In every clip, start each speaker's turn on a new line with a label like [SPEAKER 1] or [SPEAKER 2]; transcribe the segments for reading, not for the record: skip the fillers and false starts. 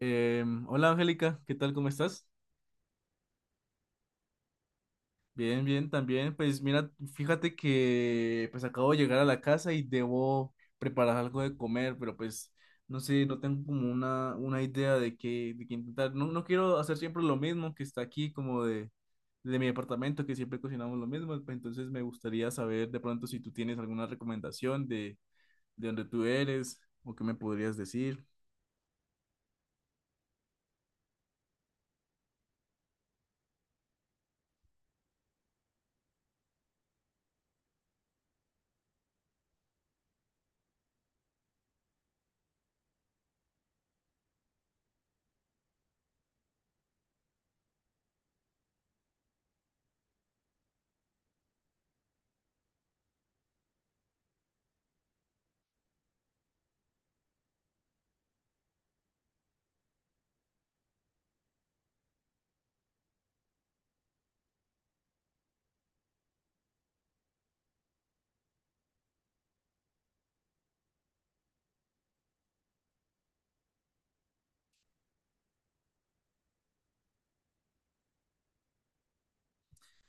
[SPEAKER 1] Hola Angélica, ¿qué tal? ¿Cómo estás? Bien, bien, también. Pues mira, fíjate que pues acabo de llegar a la casa y debo preparar algo de comer, pero pues no sé, no tengo como una idea de qué intentar. No, no quiero hacer siempre lo mismo que está aquí, como de mi departamento, que siempre cocinamos lo mismo. Pues entonces me gustaría saber de pronto si tú tienes alguna recomendación de dónde tú eres o qué me podrías decir.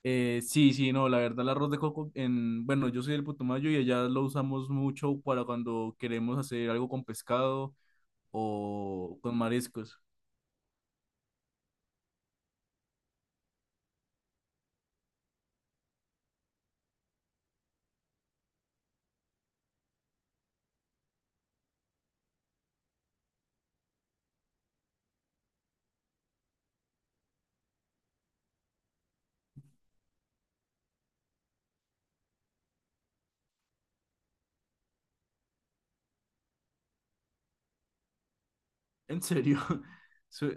[SPEAKER 1] Sí, sí, no, la verdad, el arroz de coco en, bueno, yo soy del Putumayo y allá lo usamos mucho para cuando queremos hacer algo con pescado o con mariscos. En serio, Su-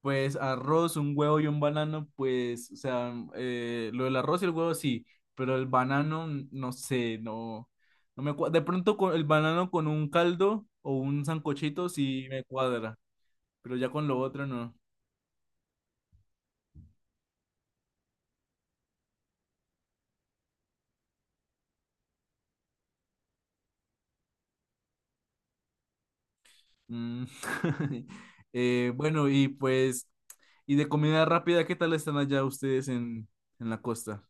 [SPEAKER 1] pues arroz, un huevo y un banano, pues, o sea, lo del arroz y el huevo sí, pero el banano, no sé, no, no me cuadra. De pronto con el banano con un caldo o un sancochito sí me cuadra, pero ya con lo otro no. Mm. Bueno, y pues. Y de comida rápida, ¿qué tal están allá ustedes en la costa?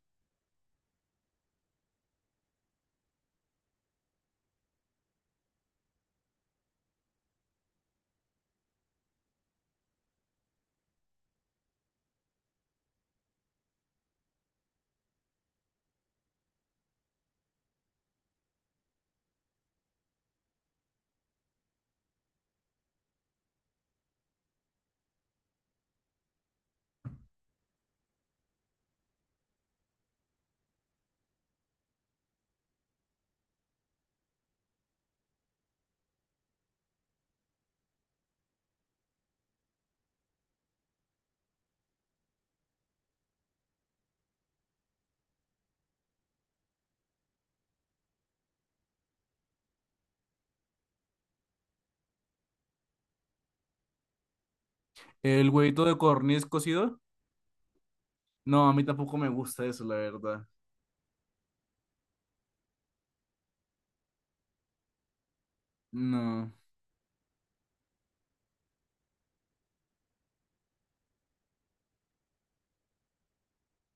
[SPEAKER 1] ¿El huevito de codorniz cocido? No, a mí tampoco me gusta eso, la verdad. No.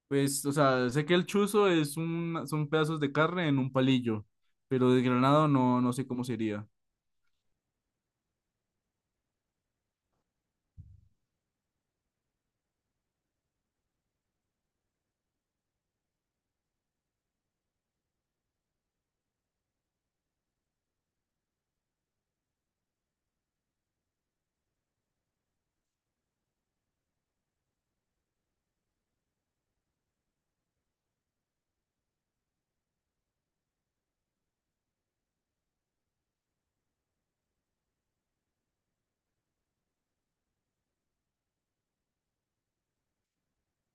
[SPEAKER 1] Pues, o sea, sé que el chuzo es un, son pedazos de carne en un palillo, pero desgranado no, no sé cómo sería.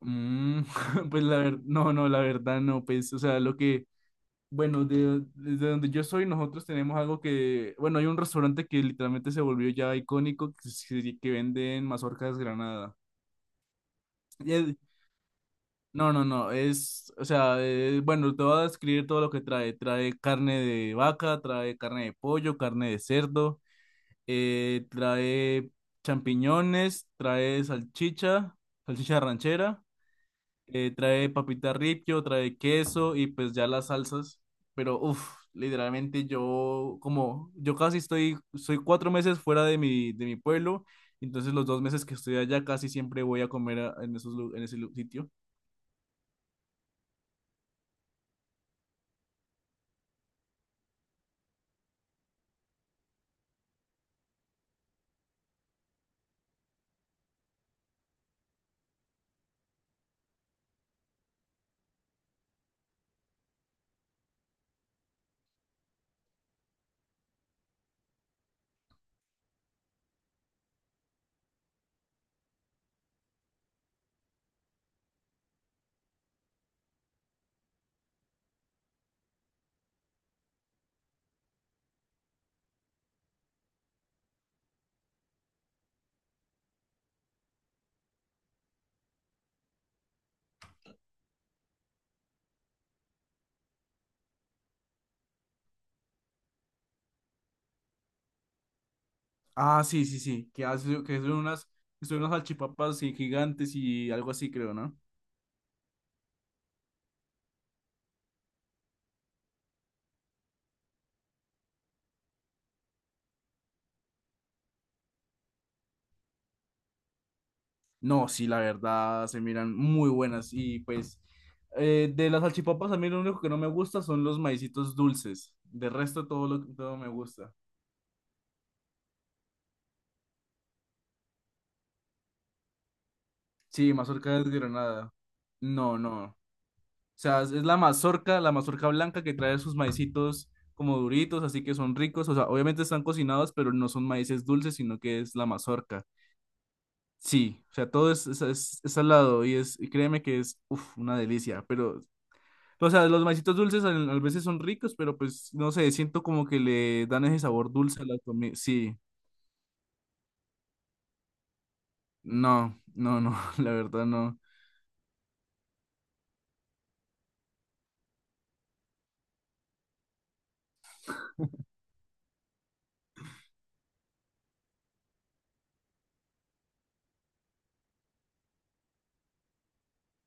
[SPEAKER 1] Mm, pues la verdad, no, no, la verdad no, pues, o sea, lo que, bueno, desde donde yo soy, nosotros tenemos algo que, bueno, hay un restaurante que literalmente se volvió ya icónico, que, que venden mazorca desgranada. Y es, no, no, no, es, o sea, bueno, te voy a describir todo lo que trae. Trae carne de vaca, trae carne de pollo, carne de cerdo, trae champiñones, trae salchicha, salchicha ranchera, trae papita ripio, trae queso y pues ya las salsas. Pero, uff, literalmente yo, como, yo casi estoy, soy cuatro meses fuera de mi pueblo, entonces los dos meses que estoy allá casi siempre voy a comer en esos, en ese sitio. Ah, sí, sí, sí, que, hace, que son unas salchipapas sí, gigantes y algo así, creo, ¿no? No, sí, la verdad, se miran muy buenas y pues de las salchipapas a mí lo único que no me gusta son los maicitos dulces, de resto todo lo todo me gusta. Sí, mazorca desgranada. No, no. O sea, es la mazorca blanca que trae sus maicitos como duritos, así que son ricos, o sea, obviamente están cocinados, pero no son maíces dulces, sino que es la mazorca. Sí, o sea, todo es, es salado y es, y créeme que es, uf, una delicia, pero, o sea, los maicitos dulces a veces son ricos, pero pues, no sé, siento como que le dan ese sabor dulce a la comida, sí, no, no, no, la verdad no.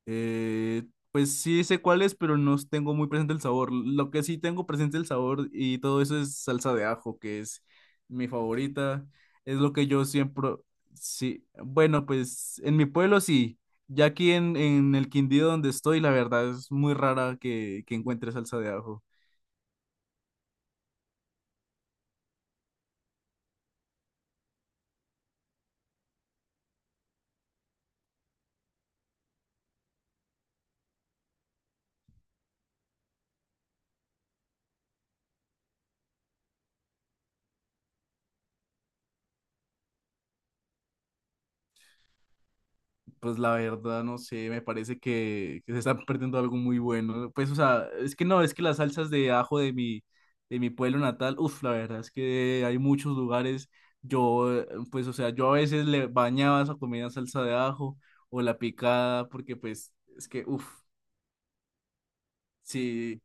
[SPEAKER 1] Eh, pues sí sé cuál es, pero no tengo muy presente el sabor. Lo que sí tengo presente el sabor y todo eso es salsa de ajo, que es mi favorita. Es lo que yo siempre... Sí, bueno, pues en mi pueblo sí. Ya aquí en el Quindío donde estoy, la verdad es muy rara que encuentre salsa de ajo. Pues la verdad, no sé, me parece que se está perdiendo algo muy bueno. Pues, o sea, es que no, es que las salsas de ajo de mi pueblo natal, uff, la verdad es que hay muchos lugares. Yo, pues, o sea, yo a veces le bañaba esa comida en salsa de ajo o la picada, porque, pues, es que, uff, sí,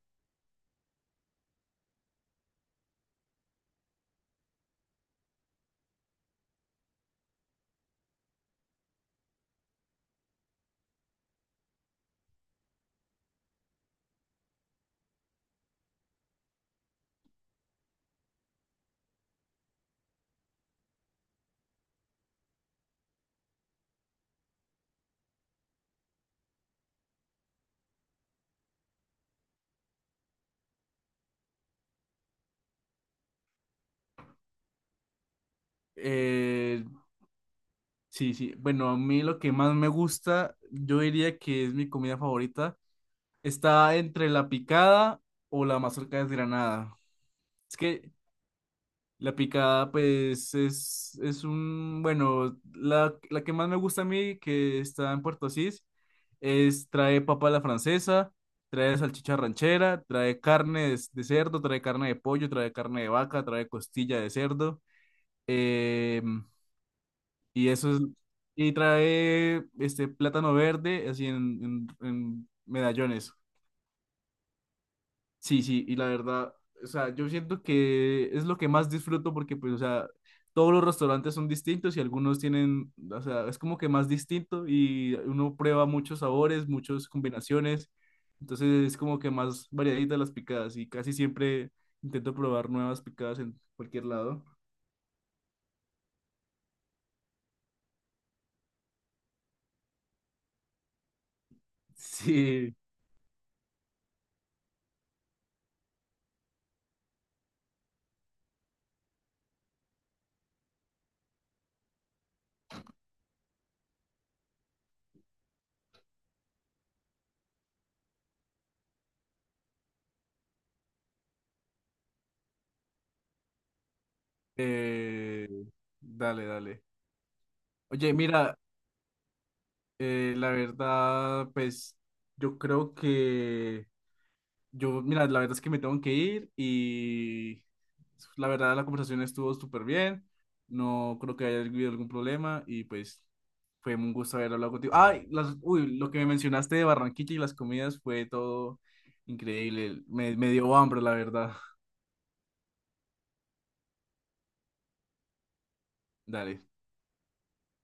[SPEAKER 1] eh, sí, sí. Bueno, a mí lo que más me gusta, yo diría que es mi comida favorita, está entre la picada o la mazorca desgranada. Es que la picada, pues, es un, bueno, la que más me gusta a mí, que está en Puerto Asís, es, trae papa a la francesa, trae salchicha ranchera, trae carne de cerdo, trae carne de pollo, trae carne de vaca, trae costilla de cerdo, eh, y eso es, y trae, este, plátano verde, así en medallones. Sí, sí, y la verdad, o sea, yo siento que es lo que más disfruto porque, pues, o sea, todos los restaurantes son distintos y algunos tienen, o sea, es como que más distinto y uno prueba muchos sabores, muchas combinaciones, entonces es como que más variadita las picadas y casi siempre intento probar nuevas picadas en cualquier lado. Sí, eh, dale, dale. Oye, mira, la verdad, pues, yo creo que... Yo, mira, la verdad es que me tengo que ir y la verdad la conversación estuvo súper bien. No creo que haya habido algún problema y pues fue un gusto haber hablado contigo. Ay, las, uy, lo que me mencionaste de Barranquilla y las comidas fue todo increíble. Me dio hambre, la verdad. Dale.